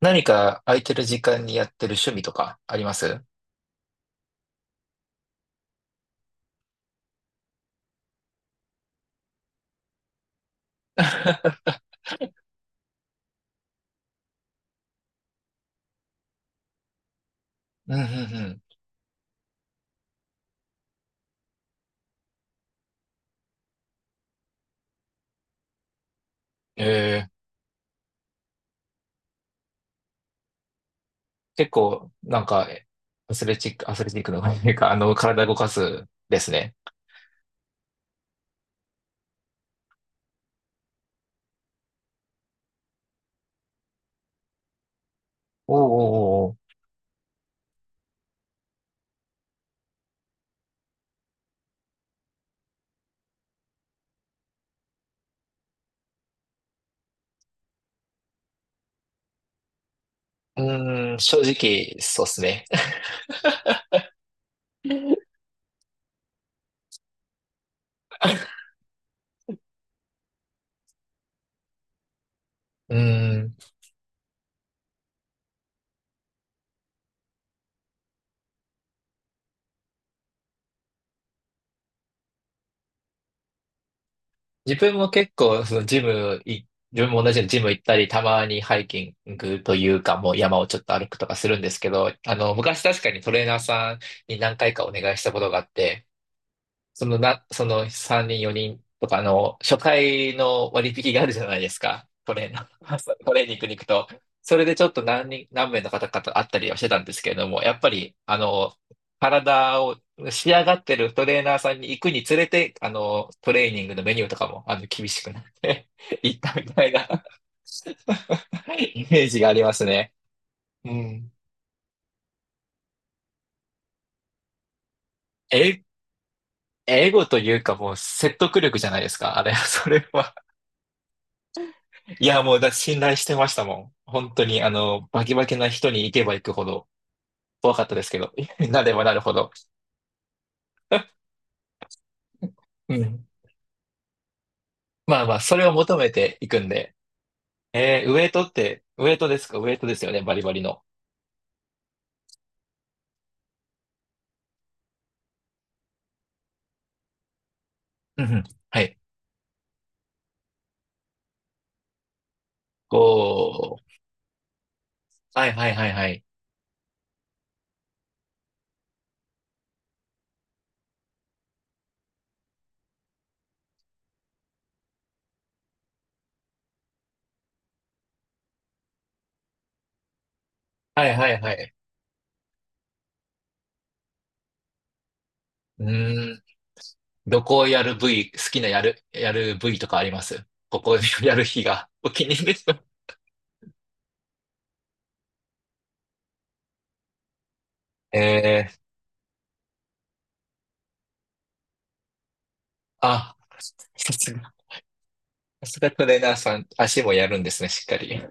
何か空いてる時間にやってる趣味とかあります？ うんうんうん。ええ結構、アスレチックの、体動かすですね。おうおうおうおう。うーん、正直、そうっすね。うーん、自分も結構、そのジムい、自分も同じようにジム行ったり、たまにハイキングというか、もう山をちょっと歩くとかするんですけど、昔確かにトレーナーさんに何回かお願いしたことがあって、そのな、その3人、4人とかの初回の割引があるじゃないですか。トレーナー、トレーニングに行くと。それでちょっと何名の方々と会ったりはしてたんですけれども、やっぱり、体を仕上がってるトレーナーさんに行くにつれて、トレーニングのメニューとかも、厳しくなって 行ったみたいな イメージがありますね。うん。え、英語というかもう説得力じゃないですか。あれ、それは。いや、もうだ、信頼してましたもん。本当に、バキバキな人に行けば行くほど怖かったですけど、なればなるほど。うん。まあまあ、それを求めていくんで。えー、ウエイトですか？ウエイトですよね、バリバリの。うんうん。はい。こう、はいはいはいはい。はいはいはい。うーん。どこをやる部位、好きなやる、やる部位とかあります？ここをやる日がお気に入りです。えー、あ、さすが、さすがトレーナーさん、足もやるんですね、しっかり。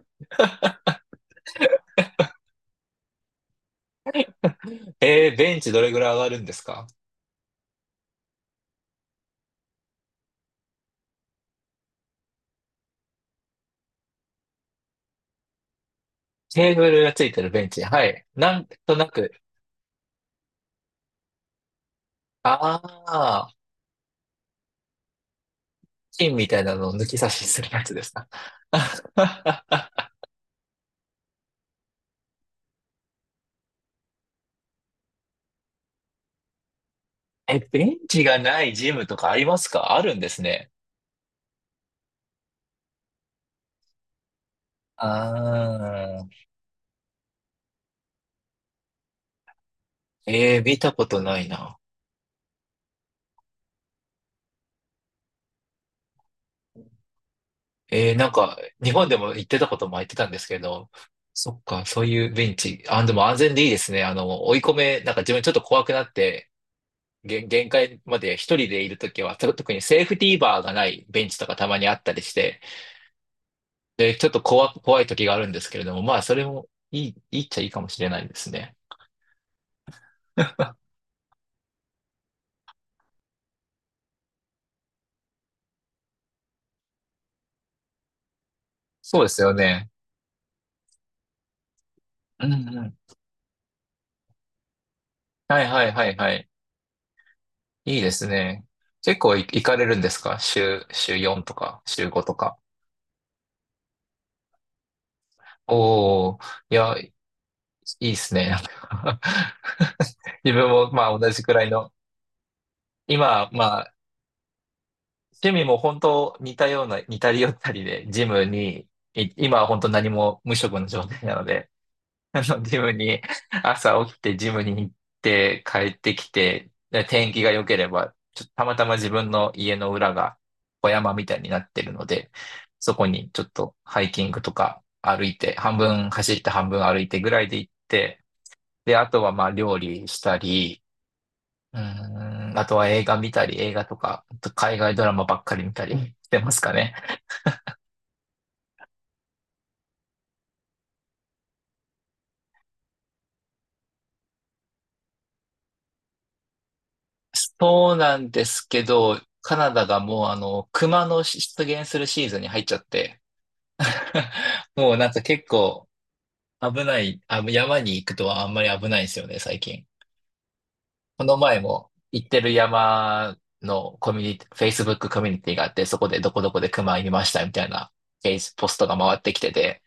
えー、ベンチどれぐらい上がるんですか？テーブルがついてるベンチ。はい。なんとなく、ああ、金みたいなのを抜き差しするやつですか。え、ベンチがないジムとかあります？かあるんですね。ああ、えー、見たことないな。えー、なんか、日本でも行ってたことも言ってたんですけど、そっか、そういうベンチ。あ、でも安全でいいですね。あの、追い込め、なんか自分ちょっと怖くなって、限界まで一人でいるときは、特にセーフティーバーがないベンチとかたまにあったりして、で、ちょっと怖、怖いときがあるんですけれども、まあ、それもいい、いいっちゃいいかもしれないですね。そうですよね。うんうん。はいはいはいはい。いいですね。結構行かれるんですか？週、週4とか、週5とか。おー、いや、いいですね。自分もまあ同じくらいの、今、まあ趣味も本当似たような、似たり寄ったりで、ジムに、い今は本当何も無職の状態なので、あの、ジムに、朝起きてジムに行って帰ってきて、で天気が良ければ、ちょっとたまたま自分の家の裏が小山みたいになってるので、そこにちょっとハイキングとか歩いて、半分走って半分歩いてぐらいで行って、で、あとはまあ料理したり、うーん、あとは映画見たり、映画とか、あと海外ドラマばっかり見たりしてますかね。そうなんですけど、カナダがもう熊の出現するシーズンに入っちゃって、もうなんか結構危ない、あ、山に行くとはあんまり危ないんですよね、最近。この前も行ってる山のコミュニティ、Facebook コミュニティがあって、そこでどこどこで熊いましたみたいな、ページポストが回ってきてて、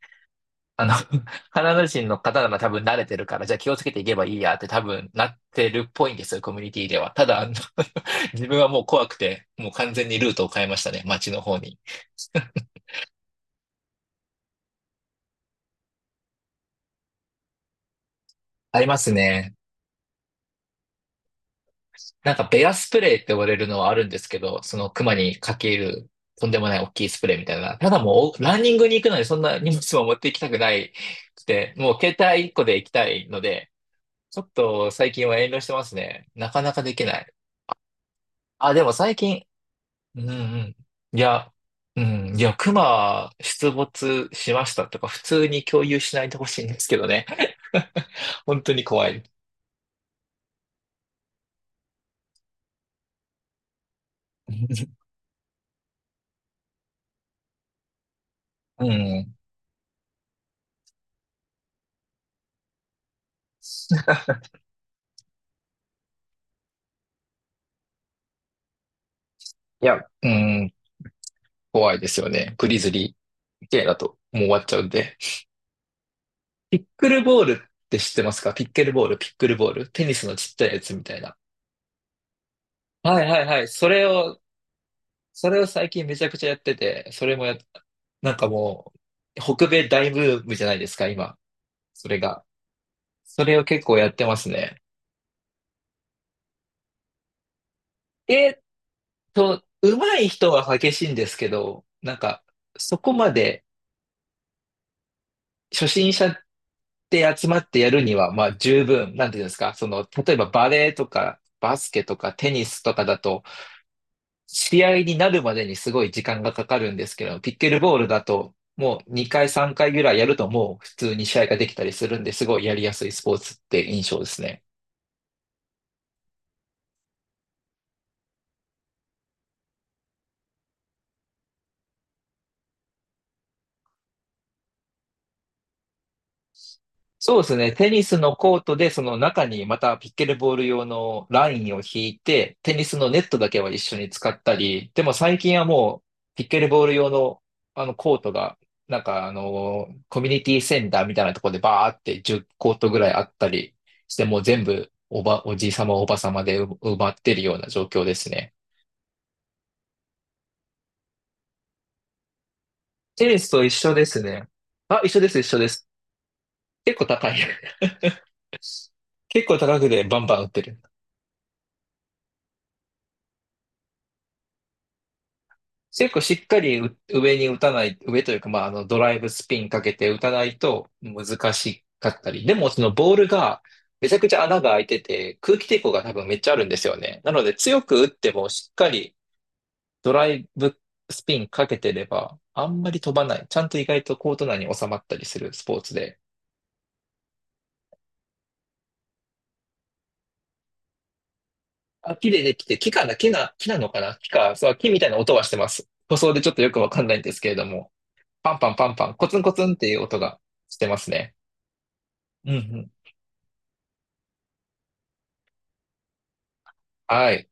あの、カナダ人の方なら多分慣れてるから、じゃあ気をつけていけばいいやって多分なってるっぽいんですよ、コミュニティでは。ただ、あの 自分はもう怖くて、もう完全にルートを変えましたね、街の方に。ありますね。なんかベアスプレーって呼ばれるのはあるんですけど、その熊にかけるとんでもない大きいスプレーみたいな。ただもうランニングに行くのにそんな荷物も持って行きたくないくて、もう携帯1個で行きたいので、ちょっと最近は遠慮してますね。なかなかできない。あ、でも最近うんうん。いや、熊出没しましたとか、普通に共有しないでほしいんですけどね。本当に怖い。うん。いや、うん。怖いですよね。グリズリー系だともう終わっちゃうんで。ピックルボールって知ってますか？ピックルボール。テニスのちっちゃいやつみたいな。はいはいはい。それを最近めちゃくちゃやってて、それもや、なんかもう、北米大ブームじゃないですか、今。それが。それを結構やってますね。えーっと、上手い人は激しいんですけど、なんか、そこまで初心者って集まってやるには、まあ十分、なんていうんですか、その、例えばバレーとか、バスケとかテニスとかだと、試合になるまでにすごい時間がかかるんですけど、ピッケルボールだと、もう2回3回ぐらいやるともう普通に試合ができたりするんで、すごいやりやすいスポーツって印象ですね。そうですね。テニスのコートで、その中にまたピッケルボール用のラインを引いて、テニスのネットだけは一緒に使ったり、でも最近はもう、ピッケルボール用の、あのコートが、なんかあの、コミュニティセンターみたいなところでバーって10コートぐらいあったりして、もう全部おじいさまおばさまで埋まってるような状況ですね。テニスと一緒ですね。あ、一緒です。結構高い。結構高くでバンバン打ってる。結構しっかりう上に打たない、上というか、まあ、あの、ドライブスピンかけて打たないと難しかったり、でもそのボールがめちゃくちゃ穴が開いてて、空気抵抗が多分めっちゃあるんですよね。なので強く打ってもしっかりドライブスピンかけてれば、あんまり飛ばない。ちゃんと意外とコート内に収まったりするスポーツで。あ、木でできて、木かな、木な、木なのかな木か、そう、木みたいな音はしてます。塗装でちょっとよくわかんないんですけれども、パンパンパンパン、コツンコツンっていう音がしてますね。うんはい。